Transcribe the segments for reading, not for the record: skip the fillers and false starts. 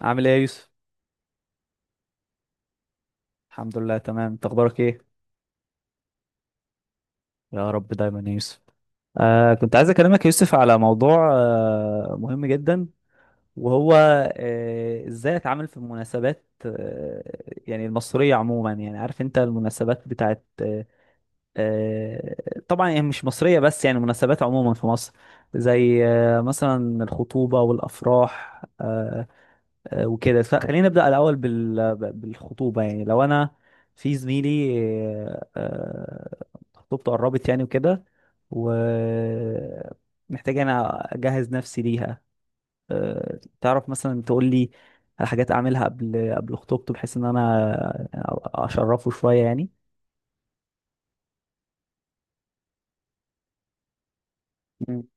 عامل ايه يا يوسف؟ الحمد لله تمام، انت اخبارك ايه؟ يا رب دايما يا يوسف. كنت عايز اكلمك يا يوسف على موضوع مهم جدا. وهو ازاي اتعامل في المناسبات، يعني المصرية عموما. يعني عارف انت المناسبات بتاعت آه طبعا يعني مش مصرية، بس يعني مناسبات عموما في مصر، زي مثلا الخطوبة والافراح. وكده فخلينا نبدأ الأول بالخطوبة. يعني لو أنا في زميلي آه، آه، خطوبته قربت يعني وكده، ومحتاج أنا أجهز نفسي ليها. تعرف مثلا تقول لي على حاجات أعملها قبل خطوبته، بحيث إن أنا أشرفه شوية يعني. مم.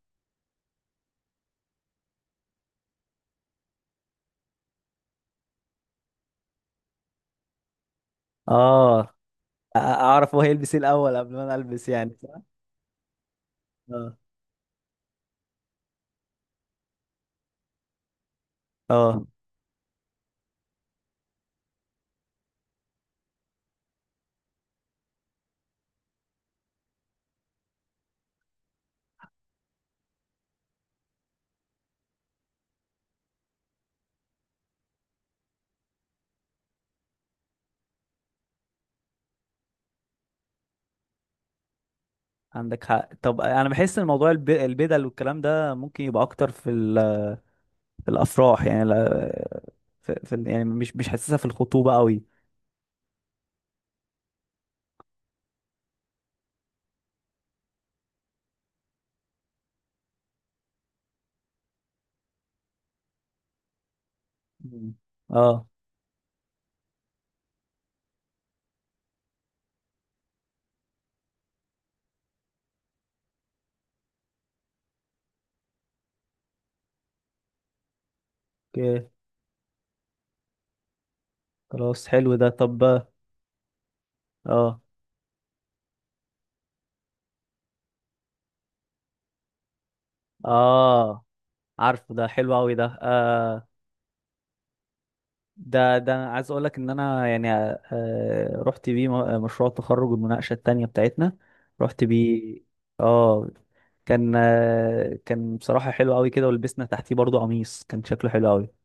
آه أ- أعرف هو هيلبس إيه الأول قبل ما أنا ألبس يعني. آه آه عندك حق. طب أنا بحس إن موضوع البدل والكلام ده ممكن يبقى أكتر في الافراح، يعني في يعني مش حاسسها في الخطوبه قوي. مم. اه. اوكي، خلاص حلو ده. طب، اه اه، عارفه ده حلو قوي ده. ده أنا عايز اقول لك ان انا يعني رحت بيه مشروع التخرج، المناقشه التانيه بتاعتنا، رحت بيه. اه، كان كان بصراحه حلو قوي كده، ولبسنا تحتيه برضو قميص كان شكله حلو قوي.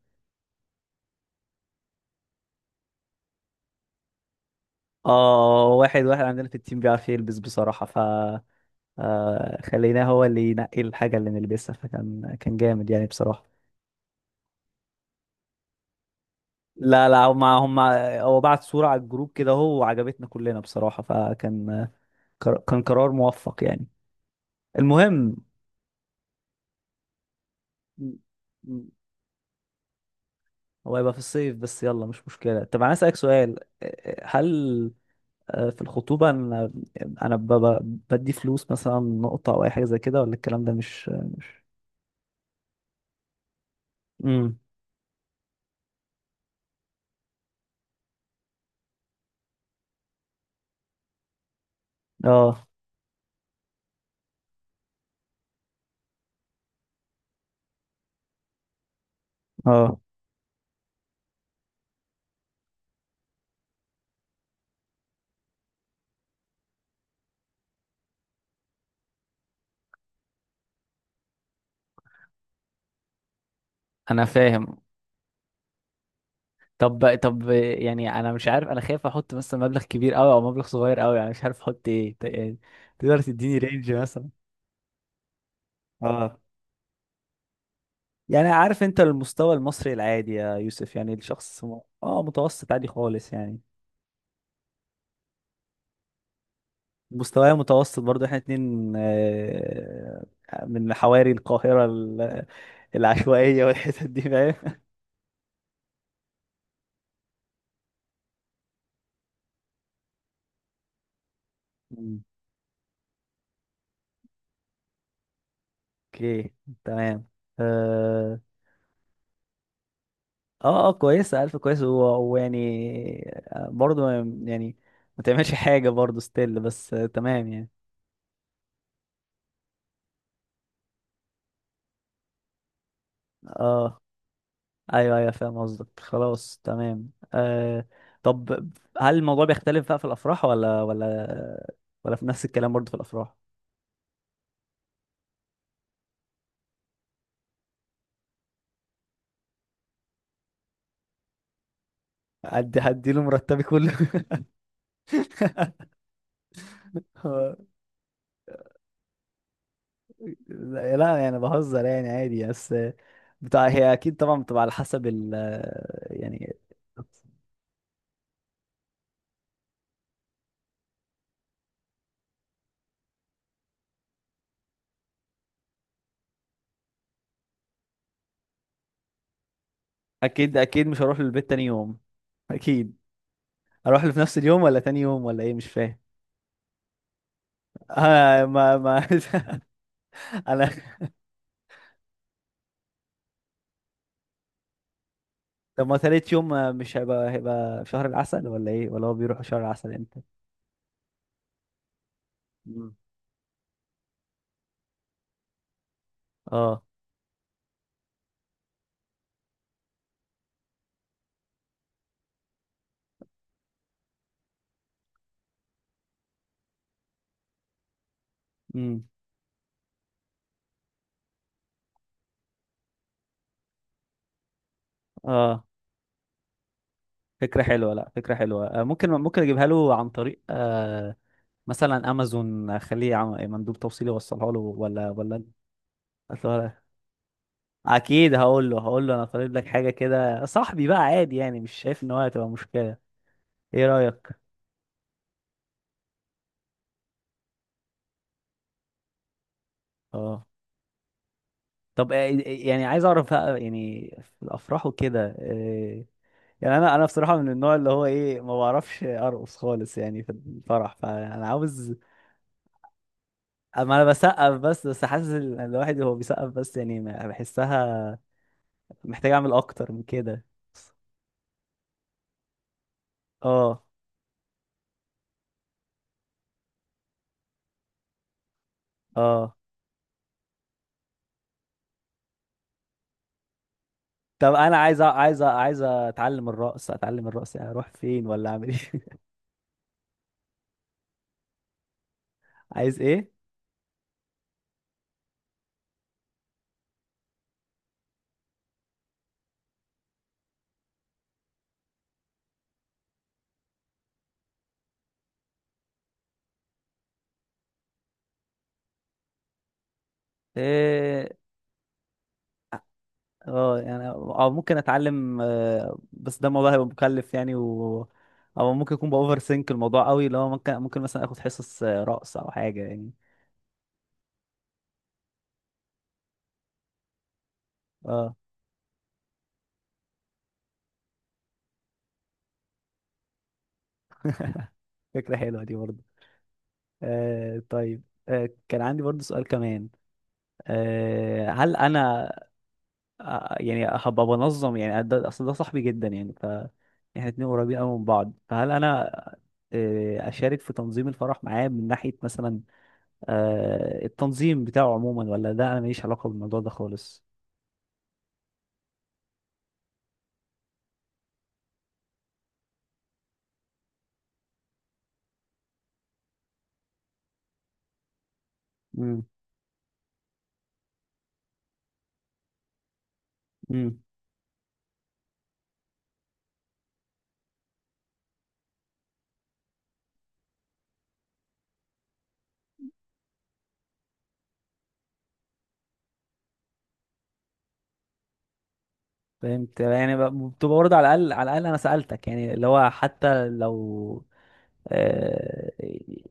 اه، واحد واحد عندنا في التيم بيعرف يلبس بصراحه، ف خليناه هو اللي ينقي الحاجة اللي نلبسها، فكان جامد يعني بصراحة. لا لا، هم هو بعت صورة على الجروب كده هو، وعجبتنا كلنا بصراحة، كان قرار موفق يعني. المهم، م- م- هو هيبقى في الصيف بس، يلا مش مشكلة. طب أنا أسألك سؤال، هل في الخطوبة أنا أنا بدي فلوس مثلا، نقطة أو أي حاجة زي كده، ولا الكلام ده مش؟ امم. اه اه، انا فاهم. طب طب يعني انا مش عارف، انا خايف احط مثلا مبلغ كبير قوي او مبلغ صغير قوي، يعني مش عارف احط ايه يعني. تقدر تديني رينج مثلا؟ اه، يعني عارف انت المستوى المصري العادي يا يوسف، يعني الشخص اه متوسط عادي خالص يعني. مستواي متوسط برضه، احنا اتنين، من حواري القاهرة العشوائية والحتت دي، فاهم. مم. اوكي تمام آه، اه اه، كويسة ألف كويس ويعني، برضو يعني، ما تعملش حاجة برضو ستيل بس، تمام يعني. اه، ايوه ايوه فاهم قصدك، خلاص تمام. طب، هل الموضوع بيختلف بقى في الأفراح، ولا ولا في نفس الكلام برضو في الأفراح؟ هدي هدي له مرتبي كله. هو- لا لا، يعني بهزر يعني عادي بس، بتاع. هي اكيد طبعا بتبقى على حسب ال يعني. اكيد اكيد مش هروح للبيت تاني يوم. اكيد اروح له في نفس اليوم ولا تاني يوم ولا ايه؟ مش فاهم. ما انا. طب، ما تالت يوم مش هيبقى، هيبقى في شهر العسل، ولا ايه؟ ولا هو بيروح شهر العسل امتى؟ مم. اه، امم، اه. فكرة حلوة، لا فكرة حلوة. ممكن ممكن اجيبها له عن طريق مثلا امازون، اخليه مندوب توصيلي يوصلها له، ولا ولا أصل هو- اكيد هقول له، هقول له انا طالب لك حاجة كده صاحبي بقى عادي، يعني مش شايف ان هو هتبقى مشكلة. ايه رأيك؟ اه طب، يعني عايز اعرف بقى يعني في الافراح وكده، يعني انا انا بصراحه من النوع اللي هو ايه، ما بعرفش ارقص خالص يعني في الفرح، فانا عاوز. اما انا بسقف بس بس حاسس الواحد هو بيسقف بس يعني، بحسها محتاج اعمل اكتر من كده. اه اه، طب انا عايز اتعلم الرقص، اتعلم الرقص، يعني اروح فين ولا اعمل ايه؟ عايز ايه؟ اه، يعني او ممكن اتعلم، بس ده الموضوع هيبقى مكلف يعني، و او ممكن يكون باوفر سينك الموضوع قوي، اللي هو ممكن ممكن مثلا اخد حصص رقص او حاجه يعني. اه، فكره حلوه دي برضه. طيب، كان عندي برضه سؤال كمان. هل انا يعني هبقى بنظم، يعني ده اصل ده صاحبي جدا يعني، ف احنا اتنين قريبين قوي من بعض، فهل انا اشارك في تنظيم الفرح معاه، من ناحيه مثلا، التنظيم بتاعه عموما، ولا ده انا ماليش علاقه بالموضوع ده خالص؟ امم، امم. فهمت، يعني بتبقى برضه على الاقل، على الاقل انا سالتك، يعني اللي هو حتى لو آه،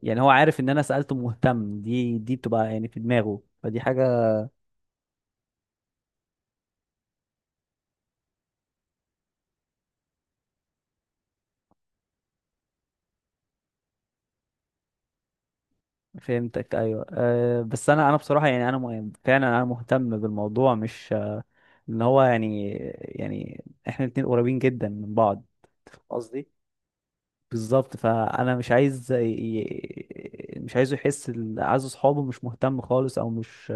يعني هو عارف ان انا سالته، مهتم، دي دي بتبقى يعني في دماغه، فدي حاجه. فهمتك، ايوه أه، بس انا انا بصراحه يعني انا فعلا انا مهتم بالموضوع، مش ان هو يعني، يعني احنا الاتنين قريبين جدا من بعض. قصدي بالظبط، فانا مش عايز مش عايزه يحس عايز اصحابه مش مهتم خالص او مش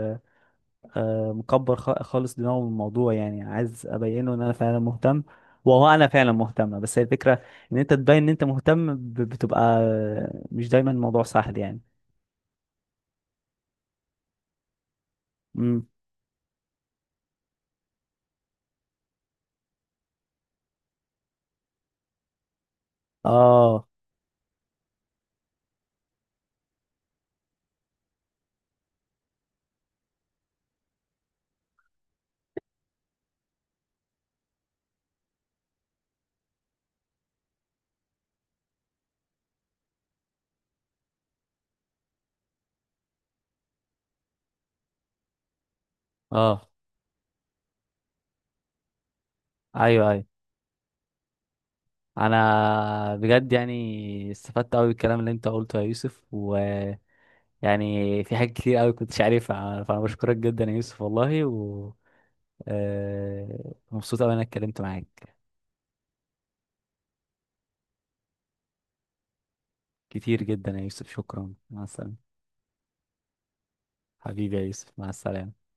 آه، مكبر خالص دماغه من الموضوع، يعني عايز ابينه ان انا فعلا مهتم، وهو انا فعلا مهتم. بس هي الفكره ان انت تبين ان انت مهتم بتبقى، مش دايما الموضوع سهل يعني. امم، اه اه، ايوه ايوه. انا بجد يعني استفدت قوي بالكلام اللي انت قلته يا يوسف، ويعني في حاجات كتير قوي كنتش عارفها، فانا بشكرك جدا يا يوسف والله. مبسوط أوي إن أنا اتكلمت معاك. كتير جدا يا يوسف، شكرا، مع السلامة. حبيبي يا يوسف، مع السلامة.